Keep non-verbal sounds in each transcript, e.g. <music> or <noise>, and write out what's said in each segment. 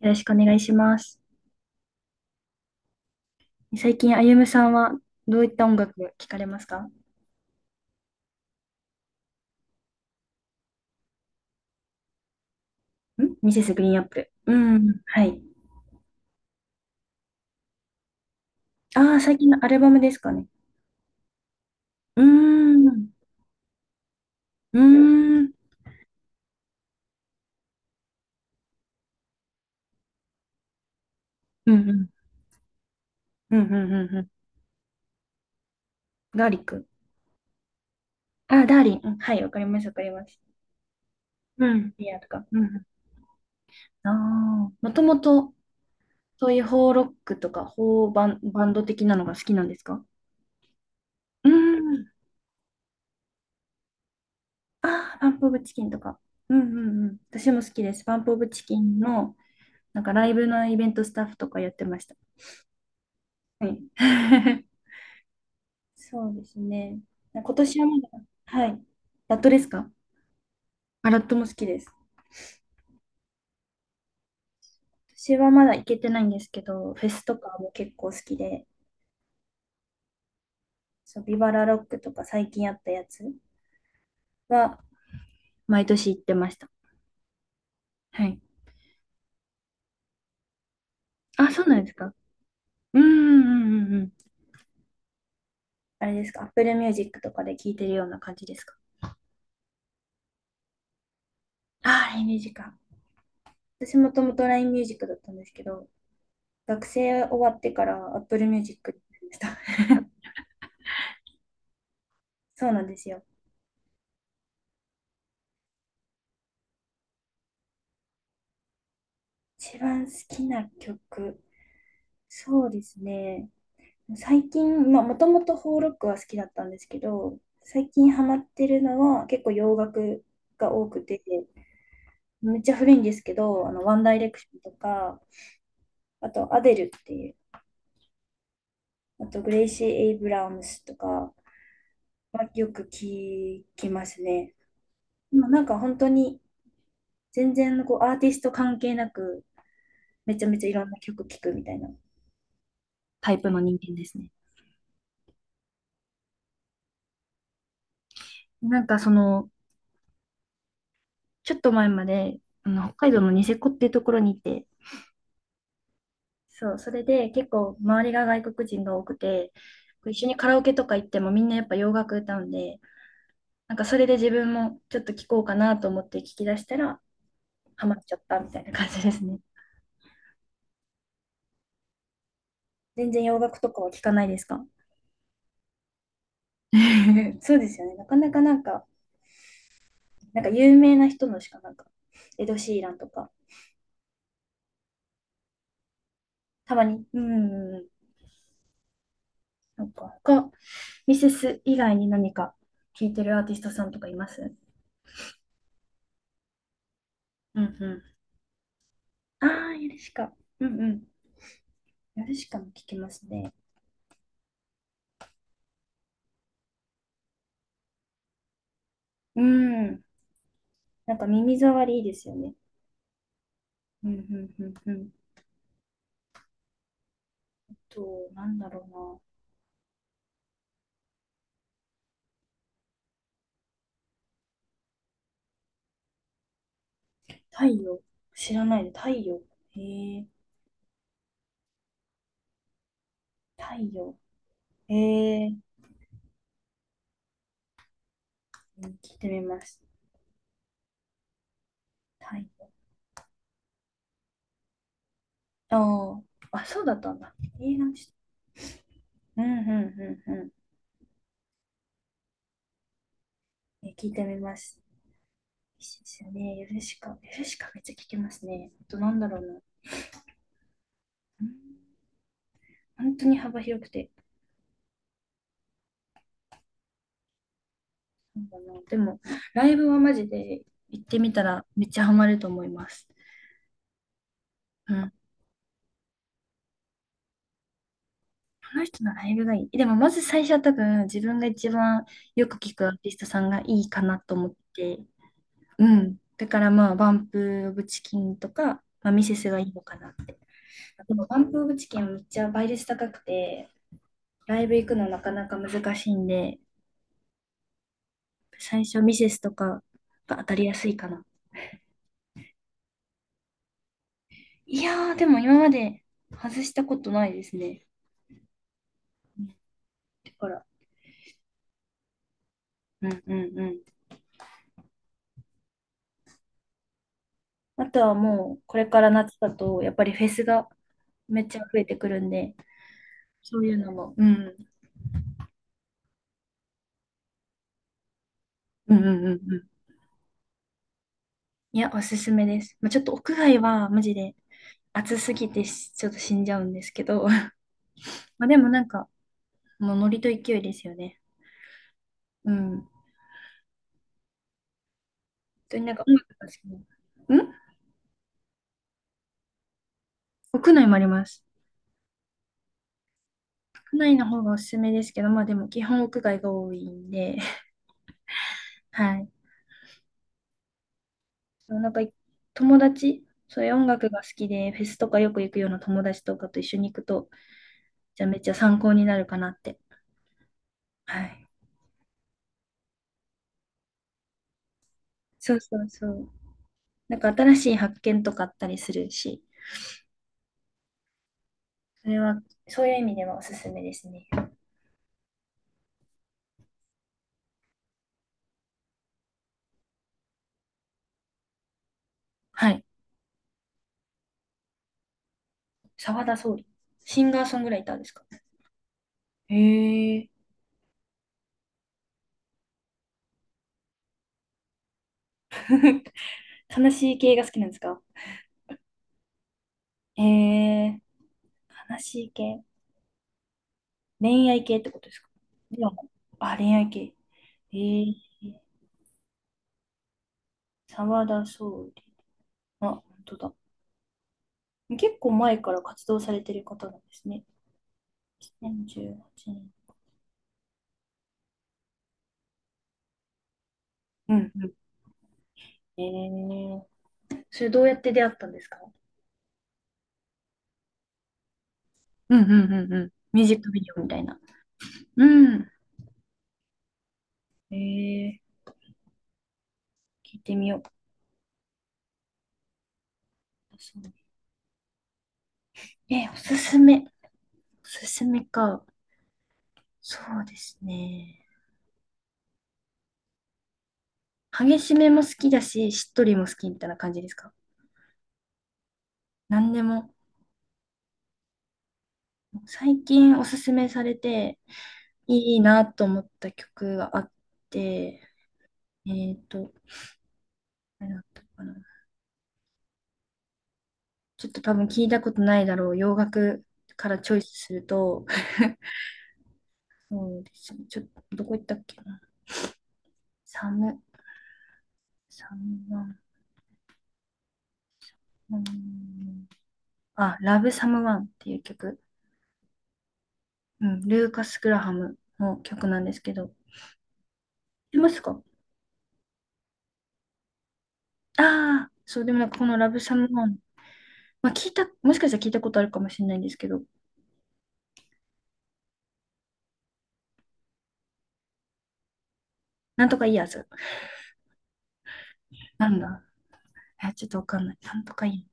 よろしくお願いします。最近、あゆむさんはどういった音楽聴かれますか？ミセスグリーンアップル。うん、はい。ああ、最近のアルバムですかね。うーん、うーん、うん、うん、うん、うん、うんうん。ガーリック。ああ、ダーリン。うん、はい、わかります、わかります。うん。リアとか。うん。ああ、もともと、そういう邦ロックとか、邦バン、バンド的なのが好きなんですか？うん。ああ、パンプオブチキンとか。うんうんうん。私も好きです。パンプオブチキンの、なんかライブのイベントスタッフとかやってました。はい。<laughs> そうですね。今年はまだ、はい。ラットですか？あ、ラットも好きです。私はまだ行けてないんですけど、フェスとかも結構好きで、そう、ビバラロックとか最近やったやつは毎年行ってました。はい。あ、そうなんですか？うんうんうんうんうん。あれですか？ Apple Music とかで聴いてるような感じですか？ああ、LINE Music か。私もともと LINE Music だったんですけど、学生終わってから Apple Music になりました。そうなんですよ。一番好きな曲、そうですね。最近、まあ、もともとフォーロックは好きだったんですけど、最近ハマってるのは結構洋楽が多くて、めっちゃ古いんですけど、ワンダイレクションとか、あと、アデルっていう、あと、グレイシー・エイブラムスとかはよく聞きますね。まあ、なんか本当に全然こうアーティスト関係なく、めちゃめちゃいろんな曲聴くみたいな。タイプの人間ですね。なんかそのちょっと前まで、北海道のニセコっていうところにいて、そう、それで結構周りが外国人が多くて、こう一緒にカラオケとか行ってもみんなやっぱ洋楽歌うんで、なんかそれで自分もちょっと聴こうかなと思って聞き出したら、ハマっちゃったみたいな感じですね。全然洋楽とかは聞かないですか？ <laughs> そうですよね。なかなかなんか、なんか有名な人のしかなんか、エド・シーランとか、たまに、うんうん、なんか他、ミセス以外に何か聞いてるアーティストさんとかいます？うんうん、ああ、ヨルシカ。うんうん。ヨルシカも聞きますね。うん。なんか耳障りいいですよね。うんうんうんうん。と、なんだろうな。太陽。知らないで、太陽。へえ、太陽。へえ、うん、聞いてみます。太陽。ああ、あ、そうだったんだ。映画の人。うんうんうんうん。え、聞いてみます。いいですよね。ヨルシカ。ヨルシカめっちゃ聞きますね。あと、なんだろうな。うん、本当に幅広くて。なんかな、でも、ライブはマジで行ってみたらめっちゃハマると思います。うん。この人のライブがいい。でも、まず最初は多分自分が一番よく聞くアーティストさんがいいかなと思って。うん。だからまあ、バンプ・オブ・チキンとか、まあ、ミセスがいいのかなって。でも、バンプ・オブ・チキンはめっちゃ倍率高くて、ライブ行くのなかなか難しいんで、最初ミセスとかが当たりやすいかな。いやー、でも今まで外したことないですね。だから、うんうんうん。あとはもう、これから夏だと、やっぱりフェスがめっちゃ増えてくるんで、そういうのも、うん、うんうんうんうん。いや、おすすめです。まあ、ちょっと屋外は、マジで暑すぎてちょっと死んじゃうんですけど、<laughs> まあでもなんか、もうノリと勢いですよね。うん。本当になんか音楽が好きな。ん屋内もあります。屋内の方がおすすめですけど、まあでも基本屋外が多いんで、<laughs> はい。そうなんか、友達、そういう音楽が好きで、フェスとかよく行くような友達とかと一緒に行くと、じゃあめっちゃ参考になるかなって。はい。そうそうそう。なんか新しい発見とかあったりするし、それは、そういう意味ではおすすめですね。はい。澤田総理。シンガーソングライターですか？へえ。悲しい系が好きなんですか？へえ。悲しい系。恋愛系ってことですか？ではあ、恋愛系。えー、沢田総理。あ、本当だ。結構前から活動されてる方なんですね。2018年。うんうん。え、それどうやって出会ったんですか？うんうんうんうん。ミュージックビデオみたいな。うん。えー、聞いてみよう。そう。おすすめ。おすすめか。そうですね。激しめも好きだし、しっとりも好きみたいな感じですか？何でも。最近おすすめされて、いいなと思った曲があって、えっと、あれだったかな。ちょっと多分聞いたことないだろう。洋楽からチョイスすると、<laughs> そうですね。ちょっと、どこ行ったっけな。サム、サムワン、うん、あ、ラブサムワンっていう曲。うん、ルーカス・グラハムの曲なんですけど。知ってますか？ああー、そう、でもなんかこのラブサムワン、まあ聞いた、もしかしたら聞いたことあるかもしれないんですけど、なんとかいいやつ。なんだえ、ちょっとわかんない。なんとかいい。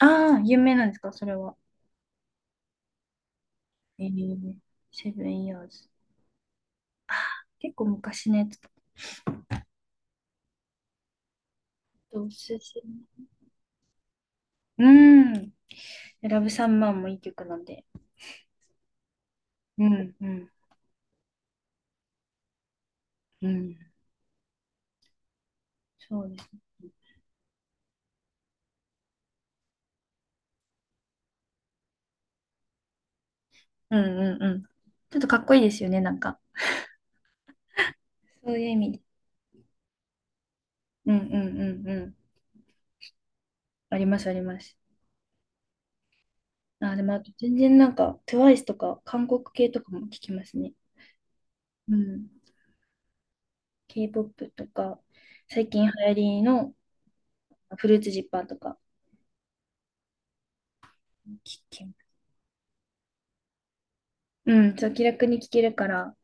ああ、有名なんですかそれは？えー、セブンイヤーズ。ああ、結構昔のやつ。おすすめ。うん。ラブサムワンもいい曲なんで。うん、うん、うん。そうですね。うんうんうん。ちょっとかっこいいですよね、なんか。そういう意味で。うんうんうんうん。ありますあります。あ、でもあと全然なんか、トゥワイスとか韓国系とかも聞きますね。うん。K-POP とか、最近流行りのフルーツジッパーとか聞きます。うん、そう、気楽に聞けるから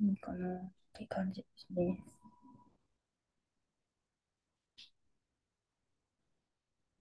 いいかなって感じですね。